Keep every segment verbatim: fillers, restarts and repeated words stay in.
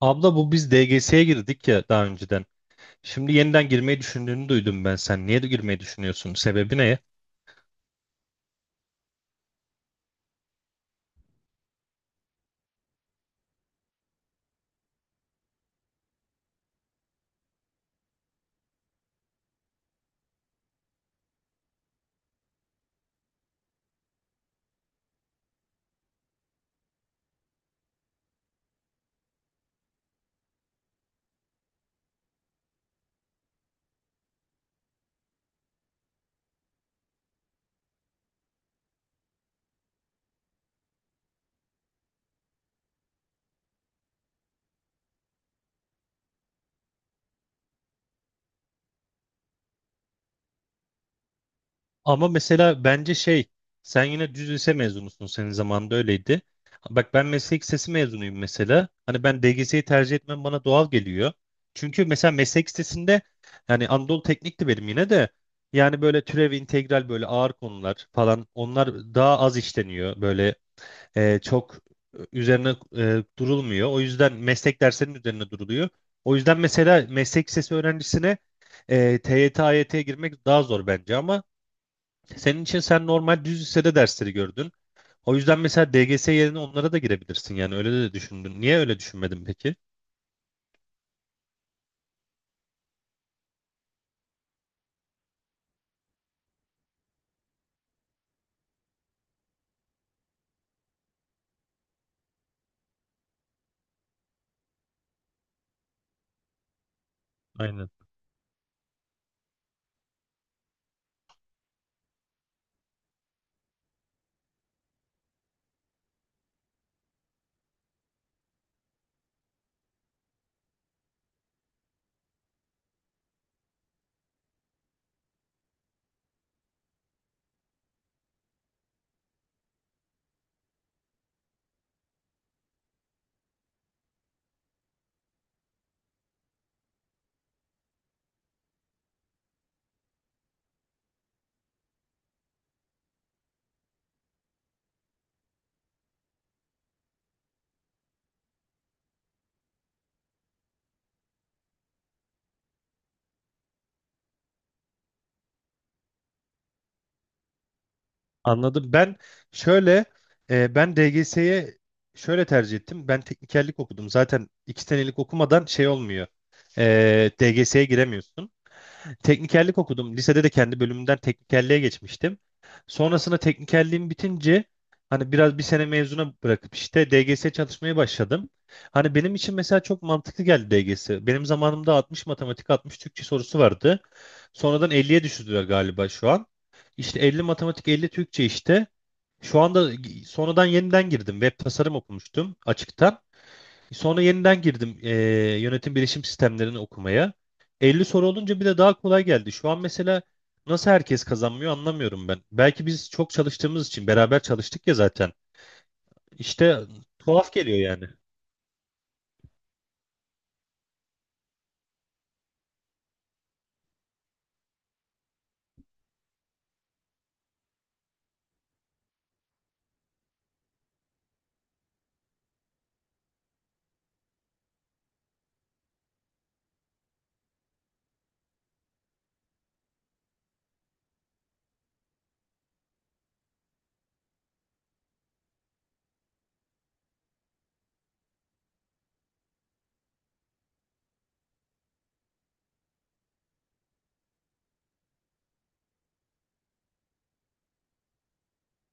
Abla bu biz D G S'ye girdik ya daha önceden. Şimdi yeniden girmeyi düşündüğünü duydum ben. Sen niye de girmeyi düşünüyorsun? Sebebi ne? Ama mesela bence şey, sen yine düz lise mezunusun. Senin zamanında öyleydi. Bak ben meslek lisesi mezunuyum mesela. Hani ben D G S'yi tercih etmem bana doğal geliyor. Çünkü mesela meslek lisesinde yani Anadolu Teknik'ti benim yine de. Yani böyle türev, integral böyle ağır konular falan onlar daha az işleniyor. Böyle e, çok e, üzerine e, durulmuyor. O yüzden meslek derslerinin üzerine duruluyor. O yüzden mesela meslek lisesi öğrencisine e, T Y T, A Y T'ye girmek daha zor bence ama senin için sen normal düz lisede dersleri gördün. O yüzden mesela D G S yerine onlara da girebilirsin yani öyle de düşündün. Niye öyle düşünmedin peki? Aynen. Anladım. Ben şöyle e, ben D G S'ye şöyle tercih ettim. Ben teknikerlik okudum. Zaten iki senelik okumadan şey olmuyor. E, D G S'ye giremiyorsun. Teknikerlik okudum. Lisede de kendi bölümümden teknikerliğe geçmiştim. Sonrasında teknikerliğim bitince hani biraz bir sene mezuna bırakıp işte D G S çalışmaya başladım. Hani benim için mesela çok mantıklı geldi D G S. Benim zamanımda altmış matematik, altmış Türkçe sorusu vardı. Sonradan elliye düşürdüler galiba şu an. İşte elli matematik, elli Türkçe işte. Şu anda sonradan yeniden girdim. Web tasarım okumuştum açıktan. Sonra yeniden girdim eee, yönetim bilişim sistemlerini okumaya. elli soru olunca bir de daha kolay geldi. Şu an mesela nasıl herkes kazanmıyor anlamıyorum ben. Belki biz çok çalıştığımız için beraber çalıştık ya zaten. İşte tuhaf geliyor yani.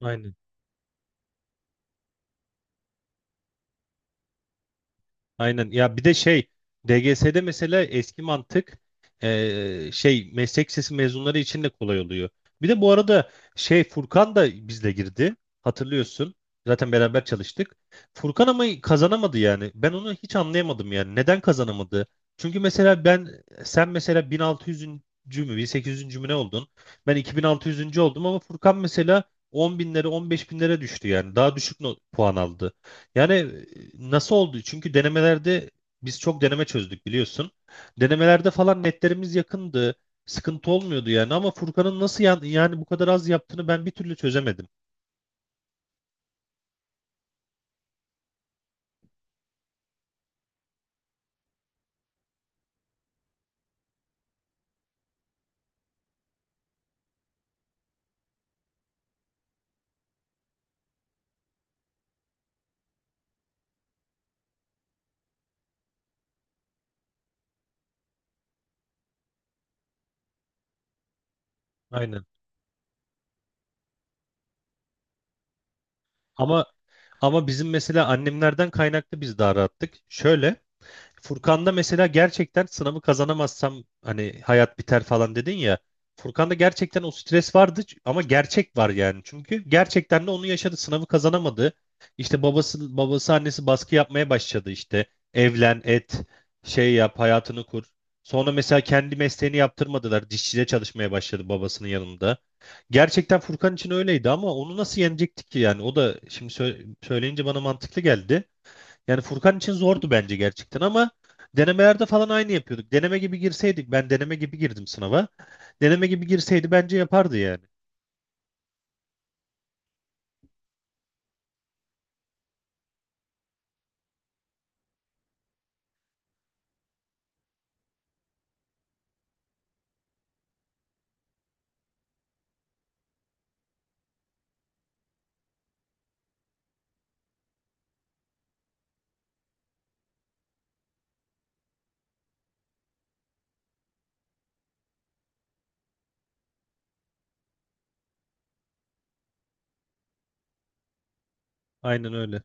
Aynen. Aynen ya bir de şey D G S'de mesela eski mantık eee, şey meslek lisesi mezunları için de kolay oluyor. Bir de bu arada şey Furkan da bizle girdi, hatırlıyorsun, zaten beraber çalıştık. Furkan ama kazanamadı yani ben onu hiç anlayamadım, yani neden kazanamadı? Çünkü mesela ben sen mesela bin altı yüzüncü mü bin sekiz yüzüncü mü ne oldun? Ben iki bin altı yüzüncü oldum ama Furkan mesela on binlere on beş binlere düştü yani daha düşük not, puan aldı. Yani e, nasıl oldu? Çünkü denemelerde biz çok deneme çözdük biliyorsun. Denemelerde falan netlerimiz yakındı. Sıkıntı olmuyordu yani ama Furkan'ın nasıl yan- yani bu kadar az yaptığını ben bir türlü çözemedim. Aynen. Ama ama bizim mesela annemlerden kaynaklı biz daha rahattık. Şöyle Furkan'da mesela gerçekten sınavı kazanamazsam hani hayat biter falan dedin ya. Furkan'da gerçekten o stres vardı ç- ama gerçek var yani. Çünkü gerçekten de onu yaşadı. Sınavı kazanamadı. İşte babası babası annesi baskı yapmaya başladı işte. Evlen, et, şey yap, hayatını kur. Sonra mesela kendi mesleğini yaptırmadılar. Dişçide çalışmaya başladı babasının yanında. Gerçekten Furkan için öyleydi ama onu nasıl yenecektik ki yani? O da şimdi sö- söyleyince bana mantıklı geldi. Yani Furkan için zordu bence gerçekten ama denemelerde falan aynı yapıyorduk. Deneme gibi girseydik, ben deneme gibi girdim sınava. Deneme gibi girseydi bence yapardı yani. Aynen öyle.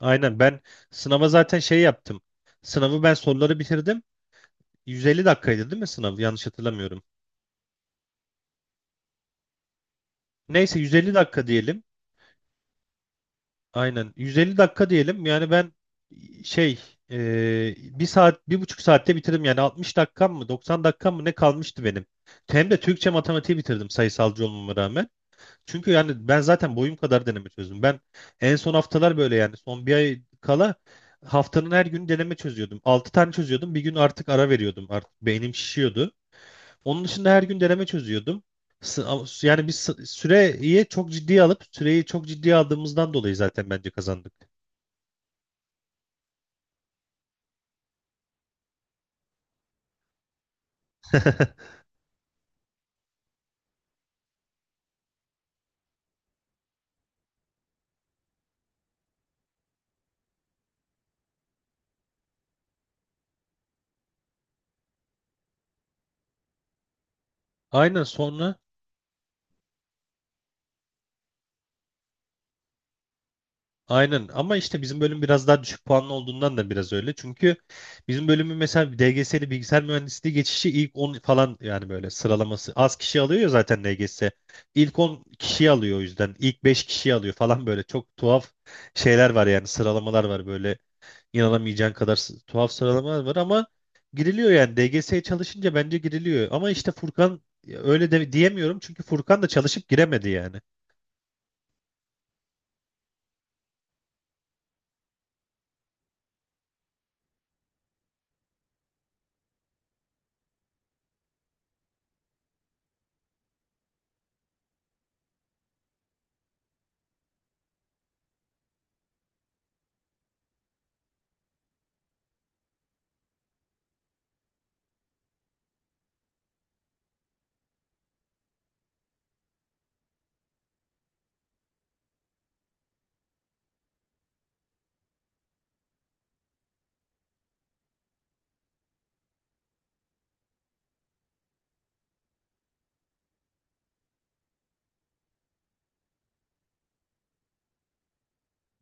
Aynen ben sınava zaten şey yaptım. Sınavı ben soruları bitirdim. yüz elli dakikaydı değil mi sınav? Yanlış hatırlamıyorum. Neyse yüz elli dakika diyelim. Aynen. yüz elli dakika diyelim. Yani ben şey e, bir saat bir buçuk saatte bitirdim. Yani altmış dakikam mı doksan dakikam mı ne kalmıştı benim. Hem de Türkçe matematiği bitirdim sayısalcı olmama rağmen. Çünkü yani ben zaten boyum kadar deneme çözdüm. Ben en son haftalar böyle yani son bir ay kala haftanın her günü deneme çözüyordum. Altı tane çözüyordum. Bir gün artık ara veriyordum. Artık beynim şişiyordu. Onun dışında her gün deneme çözüyordum. Sı- ama s- Yani biz sı- süreyi çok ciddiye alıp süreyi çok ciddiye aldığımızdan dolayı zaten bence kazandık. Aynen sonra aynen ama işte bizim bölüm biraz daha düşük puanlı olduğundan da biraz öyle. Çünkü bizim bölümün mesela D G S'li bilgisayar mühendisliği geçişi ilk on falan yani böyle sıralaması, az kişi alıyor ya zaten D G S. İlk on kişi alıyor o yüzden. İlk beş kişi alıyor falan, böyle çok tuhaf şeyler var yani, sıralamalar var böyle inanamayacağın kadar s- tuhaf sıralamalar var ama giriliyor yani D G S'ye çalışınca bence giriliyor. Ama işte Furkan ya öyle de diyemiyorum çünkü Furkan da çalışıp giremedi yani.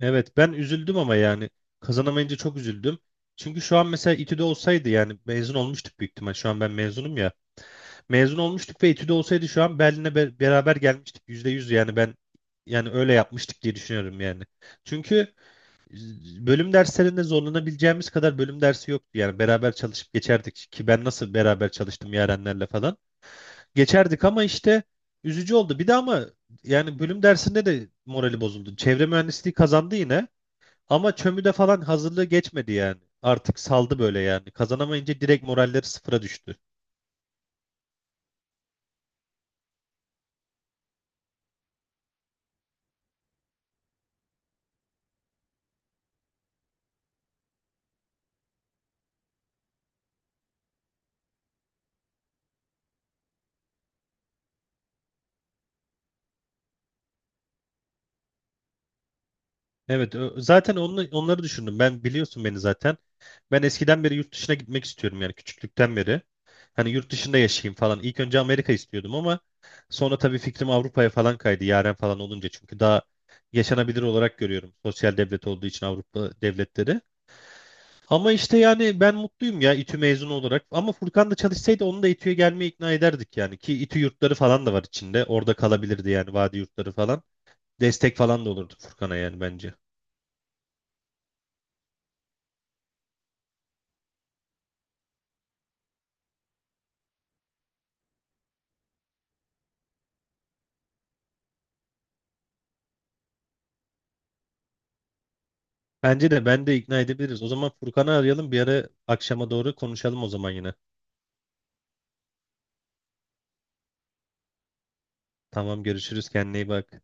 Evet ben üzüldüm ama yani kazanamayınca çok üzüldüm. Çünkü şu an mesela İTÜ'de olsaydı yani mezun olmuştuk büyük ihtimal. Şu an ben mezunum ya. Mezun olmuştuk ve İTÜ'de olsaydı şu an Berlin'e be- beraber gelmiştik. Yüzde yüz yani, ben yani öyle yapmıştık diye düşünüyorum yani. Çünkü bölüm derslerinde zorlanabileceğimiz kadar bölüm dersi yoktu. Yani beraber çalışıp geçerdik ki ben nasıl beraber çalıştım Yarenlerle falan. Geçerdik ama işte üzücü oldu. Bir de ama yani bölüm dersinde de morali bozuldu. Çevre mühendisliği kazandı yine ama çömüde falan hazırlığı geçmedi yani. Artık saldı böyle yani. Kazanamayınca direkt moralleri sıfıra düştü. Evet, ö- zaten onu, onları düşündüm. Ben biliyorsun beni zaten. Ben eskiden beri yurt dışına gitmek istiyorum yani küçüklükten beri. Hani yurt dışında yaşayayım falan. İlk önce Amerika istiyordum ama sonra tabii fikrim Avrupa'ya falan kaydı. Yaren falan olunca çünkü daha yaşanabilir olarak görüyorum. Sosyal devlet olduğu için Avrupa devletleri. Ama işte yani ben mutluyum ya İTÜ mezunu olarak. Ama Furkan da çalışsaydı onu da İTÜ'ye gelmeye ikna ederdik yani. Ki İTÜ yurtları falan da var içinde. Orada kalabilirdi yani vadi yurtları falan. Destek falan da olurdu Furkan'a yani bence. Bence de ben de ikna edebiliriz. O zaman Furkan'ı arayalım bir ara akşama doğru konuşalım o zaman yine. Tamam görüşürüz, kendine iyi bak.